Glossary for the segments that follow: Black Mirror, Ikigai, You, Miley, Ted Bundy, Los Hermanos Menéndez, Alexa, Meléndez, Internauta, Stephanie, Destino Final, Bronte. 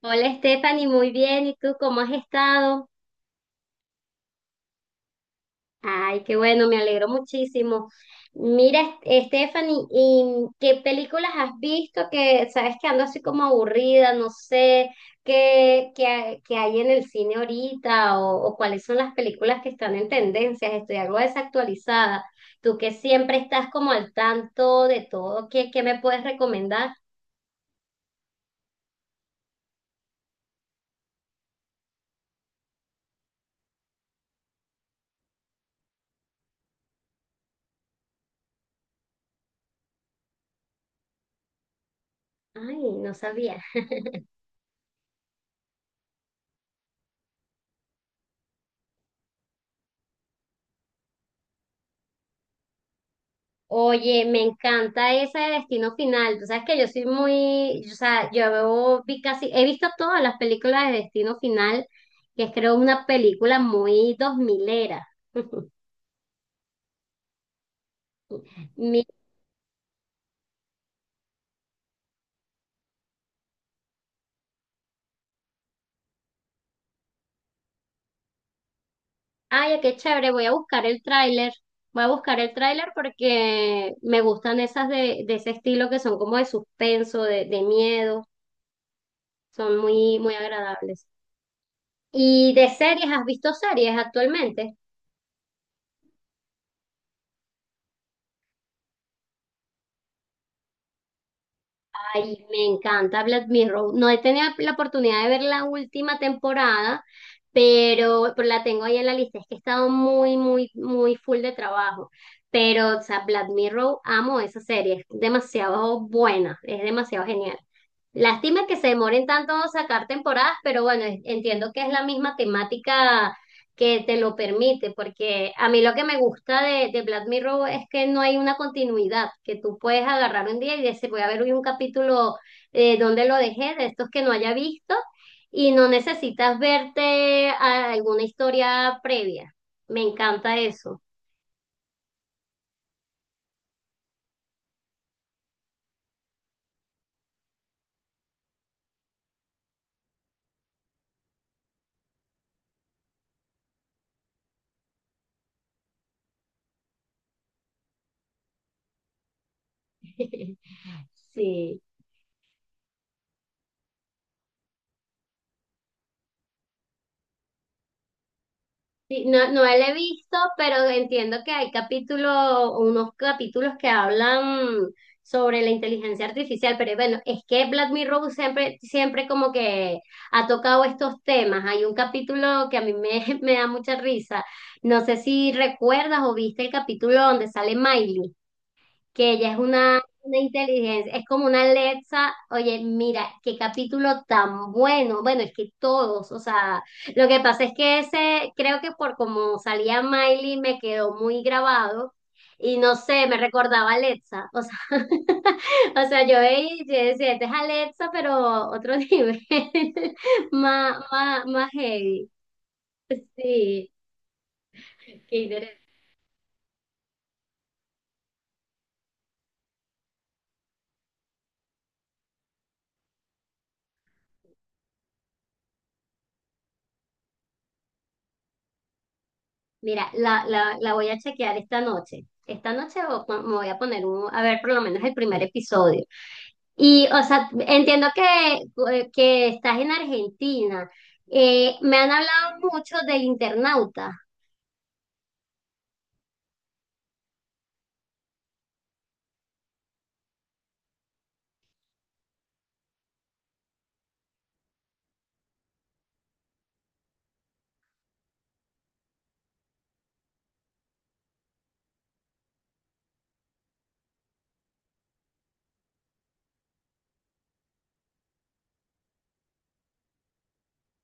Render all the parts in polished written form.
Hola Stephanie, muy bien. ¿Y tú cómo has estado? Ay, qué bueno, me alegro muchísimo. Mira, Stephanie, ¿y qué películas has visto que sabes que ando así como aburrida, no sé qué hay en el cine ahorita o cuáles son las películas que están en tendencias? Estoy algo desactualizada. Tú que siempre estás como al tanto de todo, ¿qué me puedes recomendar? Ay, no sabía. Oye, me encanta esa de Destino Final. Tú sabes que yo soy muy, o sea, yo veo- vi casi, he visto todas las películas de Destino Final, que es creo una película muy dos milera. Mi- Ay, qué chévere, voy a buscar el tráiler. Voy a buscar el tráiler porque me gustan esas de ese estilo que son como de suspenso, de miedo. Son muy, muy agradables. ¿Y de series? ¿Has visto series actualmente? Ay, me encanta Black Mirror. No he tenido la oportunidad de ver la última temporada, pero la tengo ahí en la lista. Es que he estado muy, muy, muy full de trabajo. Pero, o sea, Black Mirror, amo esa serie. Es demasiado buena, es demasiado genial. Lástima que se demoren tanto en sacar temporadas, pero bueno, entiendo que es la misma temática que te lo permite, porque a mí lo que me gusta de Black Mirror es que no hay una continuidad, que tú puedes agarrar un día y decir, voy a ver hoy un capítulo donde lo dejé, de estos que no haya visto, y no necesitas verte alguna historia previa. Me encanta eso. Sí. Sí. No, no la he visto, pero entiendo que hay capítulos, unos capítulos que hablan sobre la inteligencia artificial, pero bueno, es que Black Mirror siempre, siempre como que ha tocado estos temas. Hay un capítulo que a mí me me da mucha risa. No sé si recuerdas o viste el capítulo donde sale Miley, que ella es una inteligencia, es como una Alexa. Oye, mira, qué capítulo tan bueno, bueno, es que todos, o sea, lo que pasa es que ese, creo que por como salía Miley me quedó muy grabado y no sé, me recordaba a Alexa, o sea, o sea, yo veía y yo decía, este es Alexa, pero otro nivel, más, más, más heavy, sí, qué interesante. Mira, la voy a chequear esta noche. Esta noche me voy a poner un, a ver por lo menos el primer episodio. Y, o sea, entiendo que estás en Argentina. Me han hablado mucho del Internauta.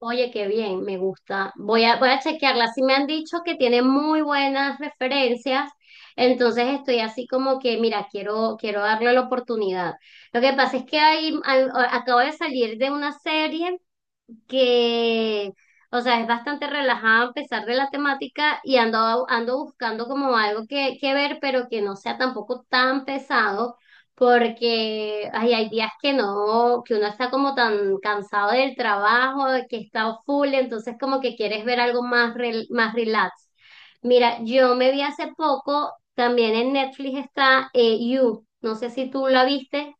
Oye, qué bien, me gusta. Voy a chequearla. Sí me han dicho que tiene muy buenas referencias. Entonces estoy así como que, mira, quiero darle la oportunidad. Lo que pasa es que ahí, acabo de salir de una serie que, o sea, es bastante relajada a pesar de la temática y ando buscando como algo que ver, pero que no sea tampoco tan pesado, porque ay, hay días que no, que uno está como tan cansado del trabajo, de que está full, entonces como que quieres ver algo más, más relax. Mira, yo me vi hace poco, también en Netflix está You, no sé si tú la viste.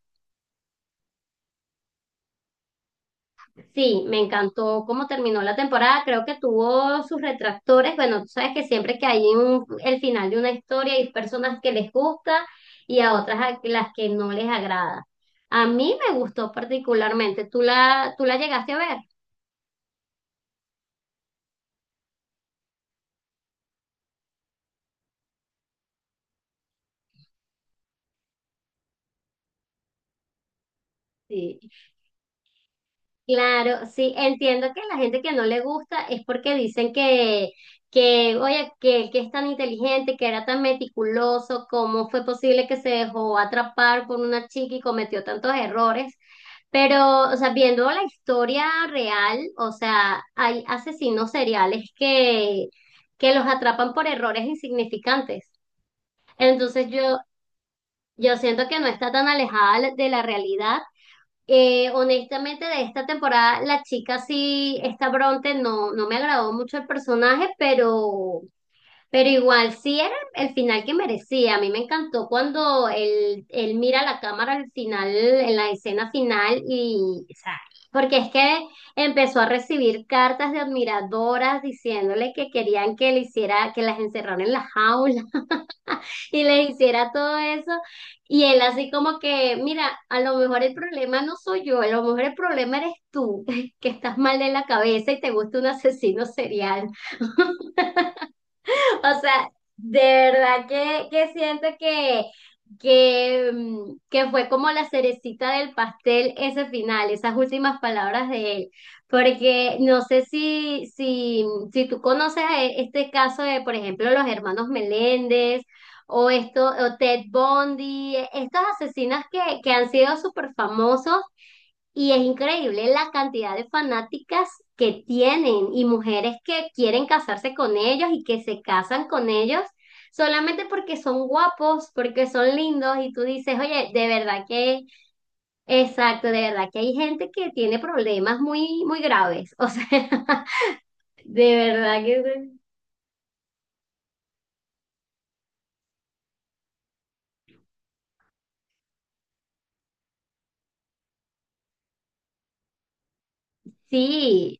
Sí, me encantó cómo terminó la temporada. Creo que tuvo sus retractores. Bueno, tú sabes que siempre que hay un, el final de una historia hay personas que les gusta y a otras a las que no les agrada. A mí me gustó particularmente. ¿Tú la llegaste a ver? Sí. Claro, sí, entiendo que la gente que no le gusta es porque dicen que, oye, que es tan inteligente, que era tan meticuloso, cómo fue posible que se dejó atrapar por una chica y cometió tantos errores. Pero, o sea, viendo la historia real, o sea, hay asesinos seriales que, los atrapan por errores insignificantes. Entonces yo siento que no está tan alejada de la realidad, honestamente. De esta temporada, la chica sí, esta Bronte, no, no me agradó mucho el personaje, pero igual sí era el final que merecía. A mí me encantó cuando él mira la cámara al final, en la escena final, y, o sea, porque es que empezó a recibir cartas de admiradoras diciéndole que querían que le hiciera, que las encerraran en la jaula y le hiciera todo eso. Y él así como que, mira, a lo mejor el problema no soy yo, a lo mejor el problema eres tú, que estás mal de la cabeza y te gusta un asesino serial. O sea, de verdad que siento que, que fue como la cerecita del pastel ese final, esas últimas palabras de él. Porque no sé si tú conoces a este caso de, por ejemplo, los hermanos Meléndez o esto, o Ted Bundy, estos asesinos que, han sido súper famosos, y es increíble la cantidad de fanáticas que tienen y mujeres que quieren casarse con ellos y que se casan con ellos solamente porque son guapos, porque son lindos y tú dices, oye, de verdad que, exacto, de verdad que hay gente que tiene problemas muy, muy graves. O sea, de verdad que sí.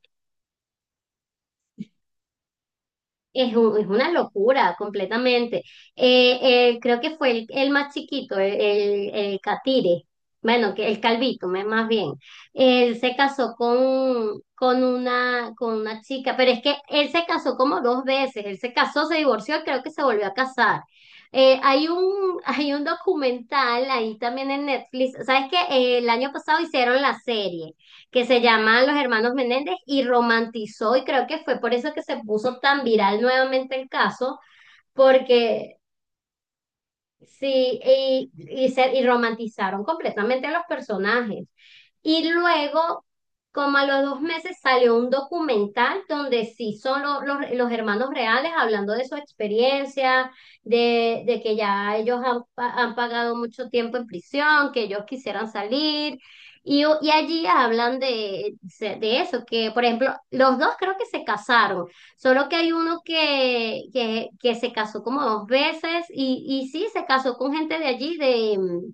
Es, es una locura completamente. Creo que fue el más chiquito, el Catire, bueno, que el Calvito, más bien. Él se casó con una chica, pero es que él se casó como dos veces. Él se casó, se divorció, y creo que se volvió a casar. Hay un documental ahí también en Netflix. ¿Sabes qué? El año pasado hicieron la serie que se llaman Los Hermanos Menéndez y romantizó, y creo que fue por eso que se puso tan viral nuevamente el caso, porque sí, y romantizaron completamente a los personajes. Y luego, como a los 2 meses, salió un documental donde sí son los hermanos reales hablando de su experiencia, de que ya ellos han, han pagado mucho tiempo en prisión, que ellos quisieran salir. Y allí hablan de eso, que por ejemplo, los dos creo que se casaron. Solo que hay uno que se casó como dos veces y sí, se casó con gente de allí,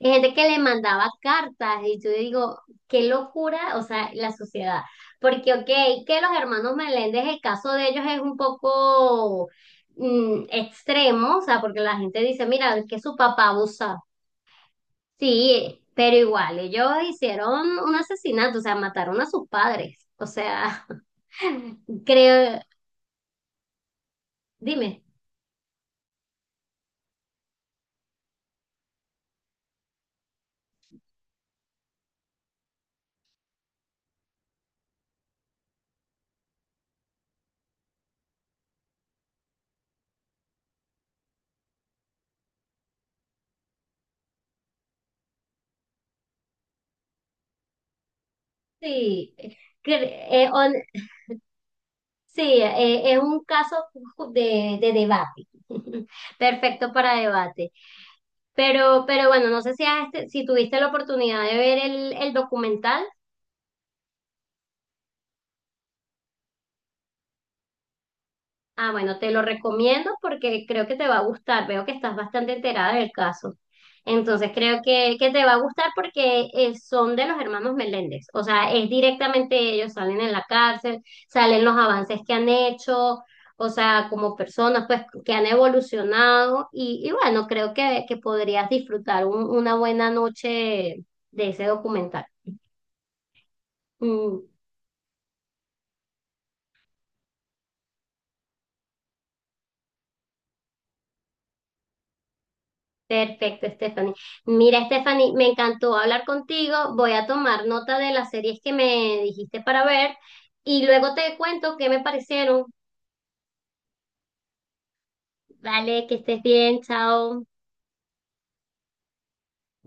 gente que le mandaba cartas y yo digo, qué locura, o sea, la sociedad. Porque, ok, que los hermanos Meléndez, el caso de ellos es un poco extremo, o sea, porque la gente dice, mira, es que su papá abusa. Sí, pero igual, ellos hicieron un asesinato, o sea, mataron a sus padres. O sea, creo, dime. Sí, cre- eh, on- sí, es un caso de debate, perfecto para debate. Pero bueno, no sé si, este, si tuviste la oportunidad de ver el documental. Ah, bueno, te lo recomiendo porque creo que te va a gustar. Veo que estás bastante enterada del caso. Entonces creo que te va a gustar porque son de los hermanos Meléndez. O sea, es directamente ellos, salen en la cárcel, salen los avances que han hecho, o sea, como personas pues que han evolucionado. Y bueno, creo que podrías disfrutar una buena noche de ese documental. Mm. Perfecto, Stephanie. Mira, Stephanie, me encantó hablar contigo. Voy a tomar nota de las series que me dijiste para ver y luego te cuento qué me parecieron. Vale, que estés bien, chao.